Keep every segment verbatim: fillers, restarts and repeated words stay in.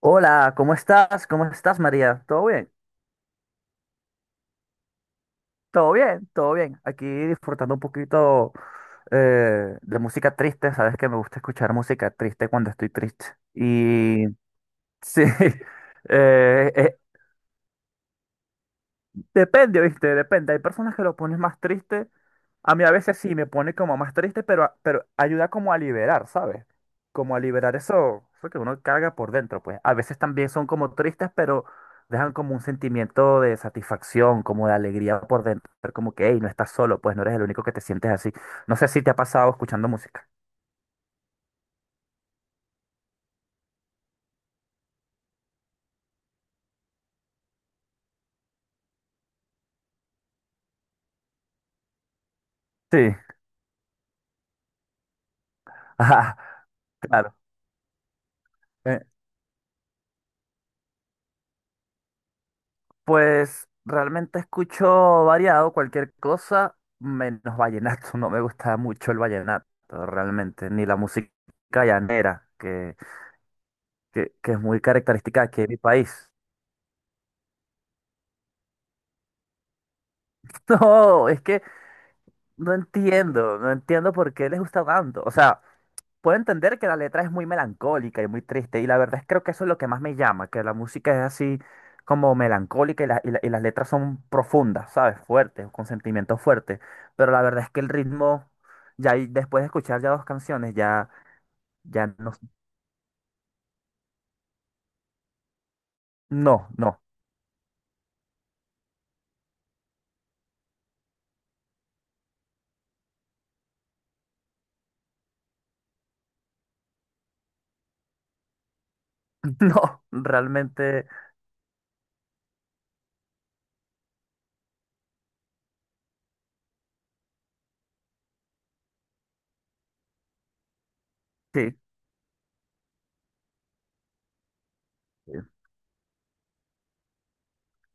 Hola, ¿cómo estás? ¿Cómo estás, María? ¿Todo bien? Todo bien, todo bien. Aquí disfrutando un poquito eh, de música triste. Sabes que me gusta escuchar música triste cuando estoy triste. Y sí, eh, e- Depende, ¿viste? Depende. Hay personas que lo pones más triste. A mí a veces sí me pone como más triste, pero, a- pero ayuda como a liberar, ¿sabes? Como a liberar eso, eso que uno carga por dentro, pues. A veces también son como tristes, pero dejan como un sentimiento de satisfacción, como de alegría por dentro. Pero como que, hey, no estás solo, pues no eres el único que te sientes así. No sé si te ha pasado escuchando música. Sí, ajá, claro. Pues realmente escucho variado cualquier cosa, menos vallenato. No me gusta mucho el vallenato, realmente, ni la música llanera, que, que, que es muy característica aquí en mi país. No, es que no entiendo, no entiendo por qué les gusta tanto. O sea, puedo entender que la letra es muy melancólica y muy triste, y la verdad es creo que eso es lo que más me llama, que la música es así como melancólica y, la- y la- y las letras son profundas, ¿sabes? Fuertes, con sentimientos fuertes, pero la verdad es que el ritmo, ya ahí, después de escuchar ya dos canciones, ya, ya no, no, no, no, realmente sí.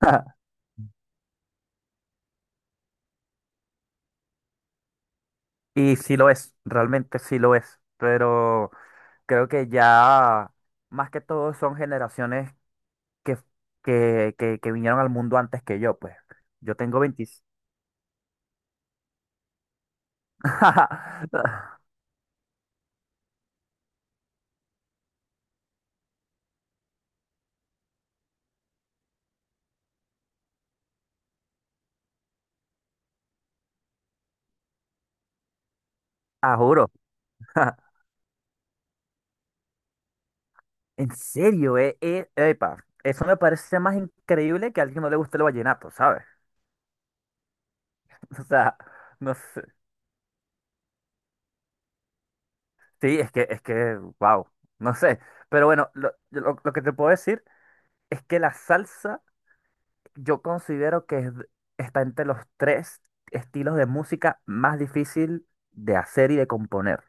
Y sí lo es, realmente sí lo es, pero creo que ya más que todo son generaciones que, que, que, que vinieron al mundo antes que yo, pues. Yo tengo veinte. Ah, juro. En serio, eh, eh, epa, eso me parece más increíble que a alguien no le guste el vallenato, ¿sabes? O sea, no sé. Sí, es que, es que, wow, no sé. Pero bueno, lo, yo lo- lo que te puedo decir es que la salsa yo considero que es- está entre los tres estilos de música más difícil de hacer y de componer.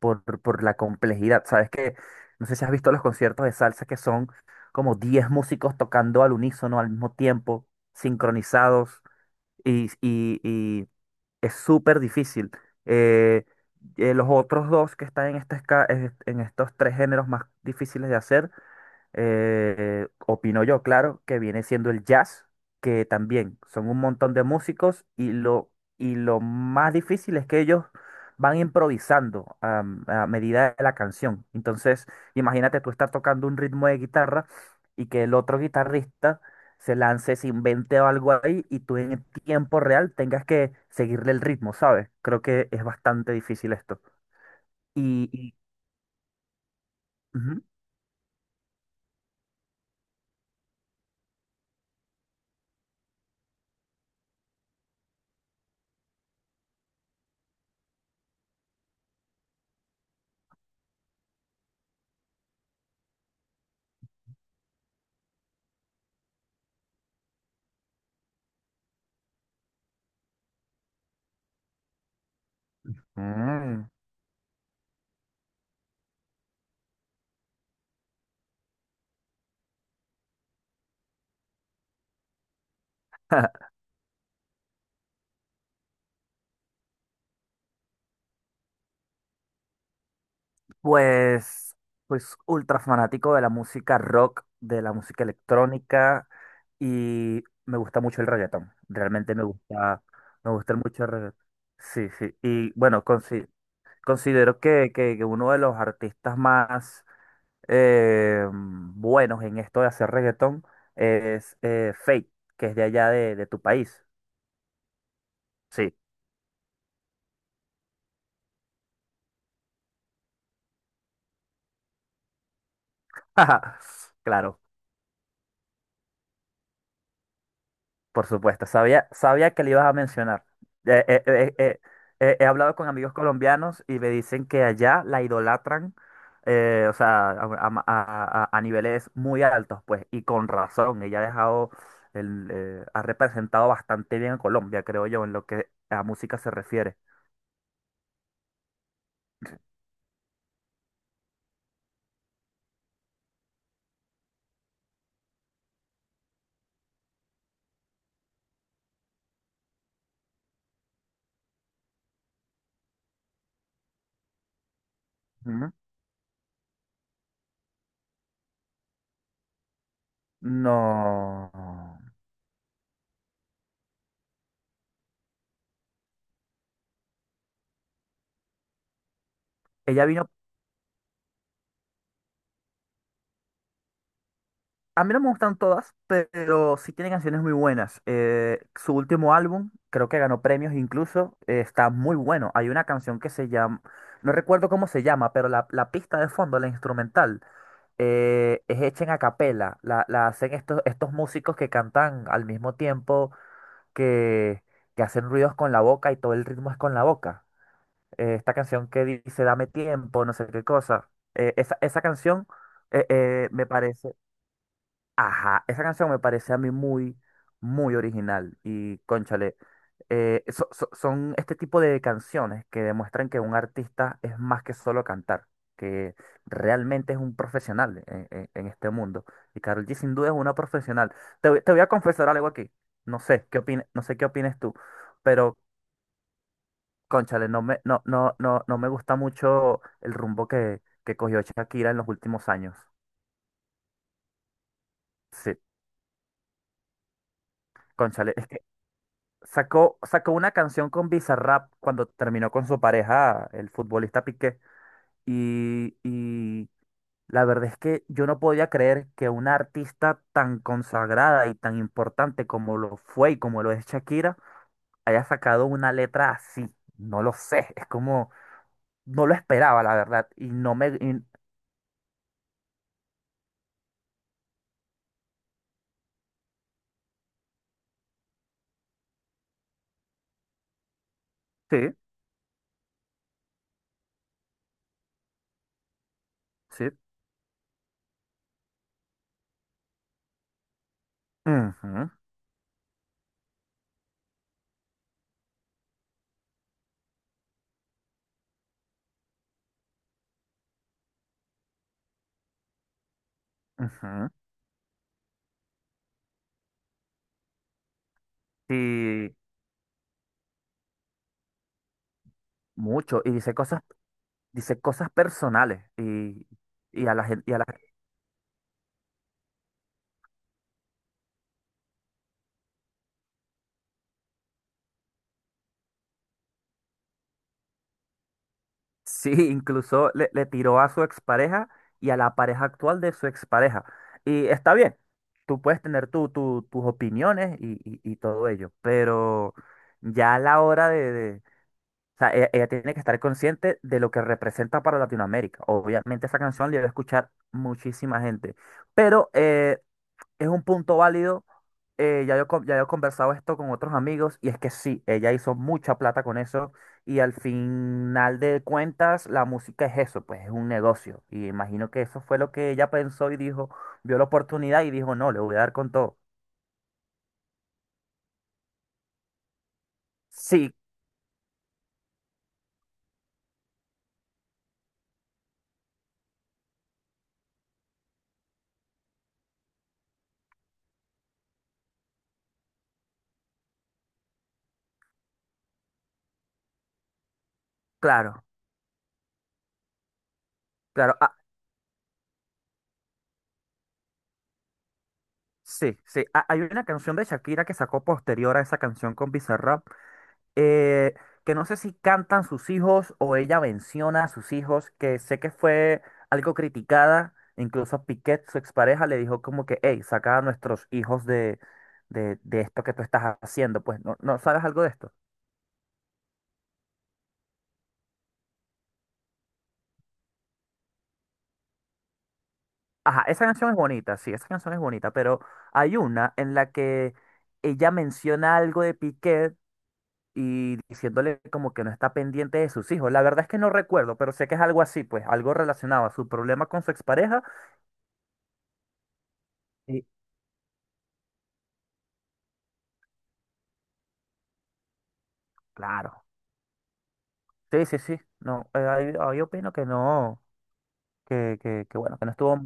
por, por la complejidad. Sabes que, no sé si has visto los conciertos de salsa que son como diez músicos tocando al unísono al mismo tiempo, sincronizados, y, y- y es súper difícil. Eh, eh, los otros dos que están en, esta esca- en estos tres géneros más difíciles de hacer eh, opino yo, claro, que viene siendo el jazz, que también son un montón de músicos y lo, y lo más difícil es que ellos van improvisando a, a medida de la canción. Entonces, imagínate tú estar tocando un ritmo de guitarra y que el otro guitarrista se lance, se invente algo ahí y tú en tiempo real tengas que seguirle el ritmo, ¿sabes? Creo que es bastante difícil esto. Y, y- ujú. Mm. Pues, pues ultra fanático de la música rock, de la música electrónica y me gusta mucho el reggaetón. Realmente me gusta, me gusta mucho el reggaetón. Sí, sí. Y bueno, consi- considero que, que- que uno de los artistas más eh, buenos en esto de hacer reggaetón es eh, Feid, que es de allá de, de tu país. Sí. Claro. Por supuesto, sabía, sabía que le ibas a mencionar. Eh, eh, eh, eh, eh, he hablado con amigos colombianos y me dicen que allá la idolatran, eh, o sea, a, a- a- a- a niveles muy altos, pues, y con razón. Ella ha dejado, el, eh, ha representado bastante bien a Colombia, creo yo, en lo que a música se refiere. Ujú. No. Ella vino. A mí no me gustan todas, pero sí tiene canciones muy buenas. Eh, su último álbum, creo que ganó premios incluso, eh, está muy bueno. Hay una canción que se llama, no recuerdo cómo se llama, pero la, la pista de fondo, la instrumental, eh, es hecha en acapela. La, la hacen estos, estos músicos que cantan al mismo tiempo, que, que hacen ruidos con la boca y todo el ritmo es con la boca. Eh, esta canción que dice, dame tiempo, no sé qué cosa. Eh, esa, esa canción eh, eh, me parece... Ajá, esa canción me parece a mí muy, muy original y cónchale, eh, so- so- son este tipo de canciones que demuestran que un artista es más que solo cantar, que realmente es un profesional en, en- en este mundo. Y Karol G sin duda es una profesional. Te, voy te voy a confesar algo aquí, no sé qué opine- no sé qué opines tú, pero cónchale, no me, no, no, no, no me gusta mucho el rumbo que, que cogió Shakira en los últimos años. Sí, cónchale, sacó, sacó una canción con Bizarrap cuando terminó con su pareja, el futbolista Piqué. Y, y la verdad es que yo no podía creer que una artista tan consagrada y tan importante como lo fue y como lo es Shakira haya sacado una letra así. No lo sé, es como, no lo esperaba, la verdad. Y no me... y- sí, sí. Ujú, ujú, y mucho. Y dice cosas, dice cosas personales. Y, y a la gente... Sí, incluso le, le tiró a su expareja y a la pareja actual de su expareja. Y está bien, tú puedes tener tu, tu- tus opiniones y, y- y todo ello, pero ya a la hora de, de- o sea, ella, ella tiene que estar consciente de lo que representa para Latinoamérica. Obviamente esa canción la iba a escuchar muchísima gente, pero eh, es un punto válido. eh, ya yo, con- ya yo he conversado esto con otros amigos y es que sí, ella hizo mucha plata con eso y al final de cuentas la música es eso, pues es un negocio. Y imagino que eso fue lo que ella pensó y dijo, vio la oportunidad y dijo, no, le voy a dar con todo. Sí, claro, claro. Ah, sí, sí. Ah, hay una canción de Shakira que sacó posterior a esa canción con Bizarrap eh, que no sé si cantan sus hijos o ella menciona a sus hijos, que sé que fue algo criticada, incluso Piquet, su expareja, le dijo como que, hey, saca a nuestros hijos de, de, de esto que tú estás haciendo, pues no, no sabes algo de esto. Ajá, esa canción es bonita, sí, esa canción es bonita, pero hay una en la que ella menciona algo de Piquet y diciéndole como que no está pendiente de sus hijos. La verdad es que no recuerdo, pero sé que es algo así, pues algo relacionado a su problema con su expareja. Y claro. Sí, sí, sí. No, eh, ahí, ahí opino que no, que, que, que bueno, que no estuvo.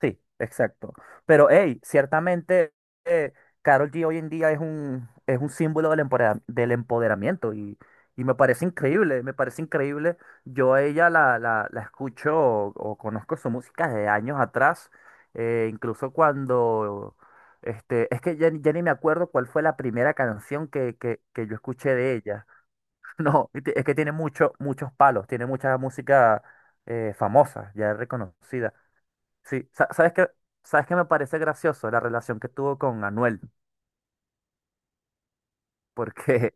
Sí, exacto. Pero hey, ciertamente eh, Karol G hoy en día es un, es un símbolo del empodera- del empoderamiento y, y me parece increíble, me parece increíble. Yo a ella la, la, la escucho o, o conozco su música de años atrás, eh, incluso cuando, este, es que ya, ni ya ni me acuerdo cuál fue la primera canción que, que, que yo escuché de ella. No, y ti- es que tiene mucho, muchos palos, tiene mucha música eh, famosa, ya reconocida. Sí, sa- ¿sabes qué? ¿Sabes qué me parece gracioso la relación que tuvo con Anuel? Porque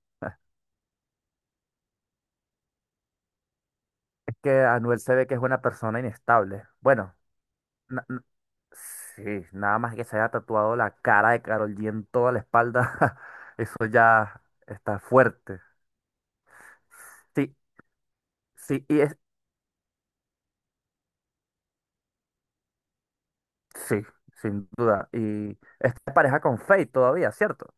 es que Anuel se ve que es una persona inestable. Bueno, na- n- sí, nada más que se haya tatuado la cara de Karol G en toda la espalda, eso ya está fuerte. Sí, sí, y es, sí, sin duda. Y esta pareja con Faith todavía, ¿cierto?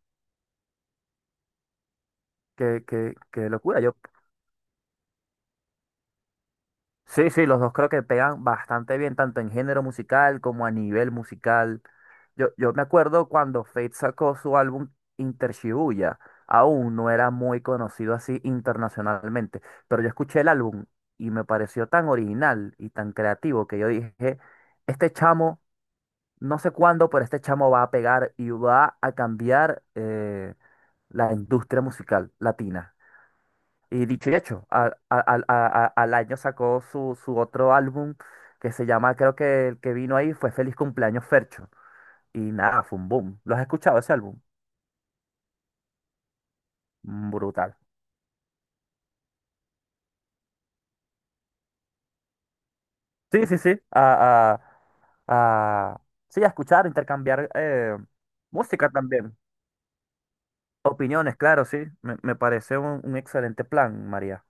Qué, qué, qué locura. Yo sí, sí, los dos creo que pegan bastante bien, tanto en género musical como a nivel musical. Yo, yo me acuerdo cuando Fate sacó su álbum Inter Shibuya, aún no era muy conocido así internacionalmente, pero yo escuché el álbum y me pareció tan original y tan creativo que yo dije, este chamo, no sé cuándo, pero este chamo va a pegar y va a cambiar eh, la industria musical latina. Y dicho y hecho, a- a- al a- a- al año sacó su, su otro álbum que se llama, creo que el que vino ahí fue Feliz Cumpleaños Fercho. Y nada, fue un boom. ¿Lo has escuchado ese álbum? Mm, brutal. Sí, sí, sí. A, a, a- sí, a escuchar, intercambiar eh, música también. Opiniones, claro, sí. Me, me parece un un excelente plan, María.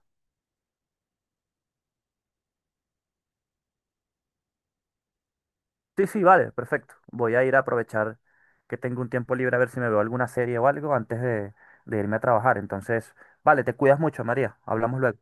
Sí, sí, vale, perfecto. Voy a ir a aprovechar que tengo un tiempo libre a ver si me veo alguna serie o algo antes de, de irme a trabajar. Entonces, vale, te cuidas mucho, María. Hablamos luego.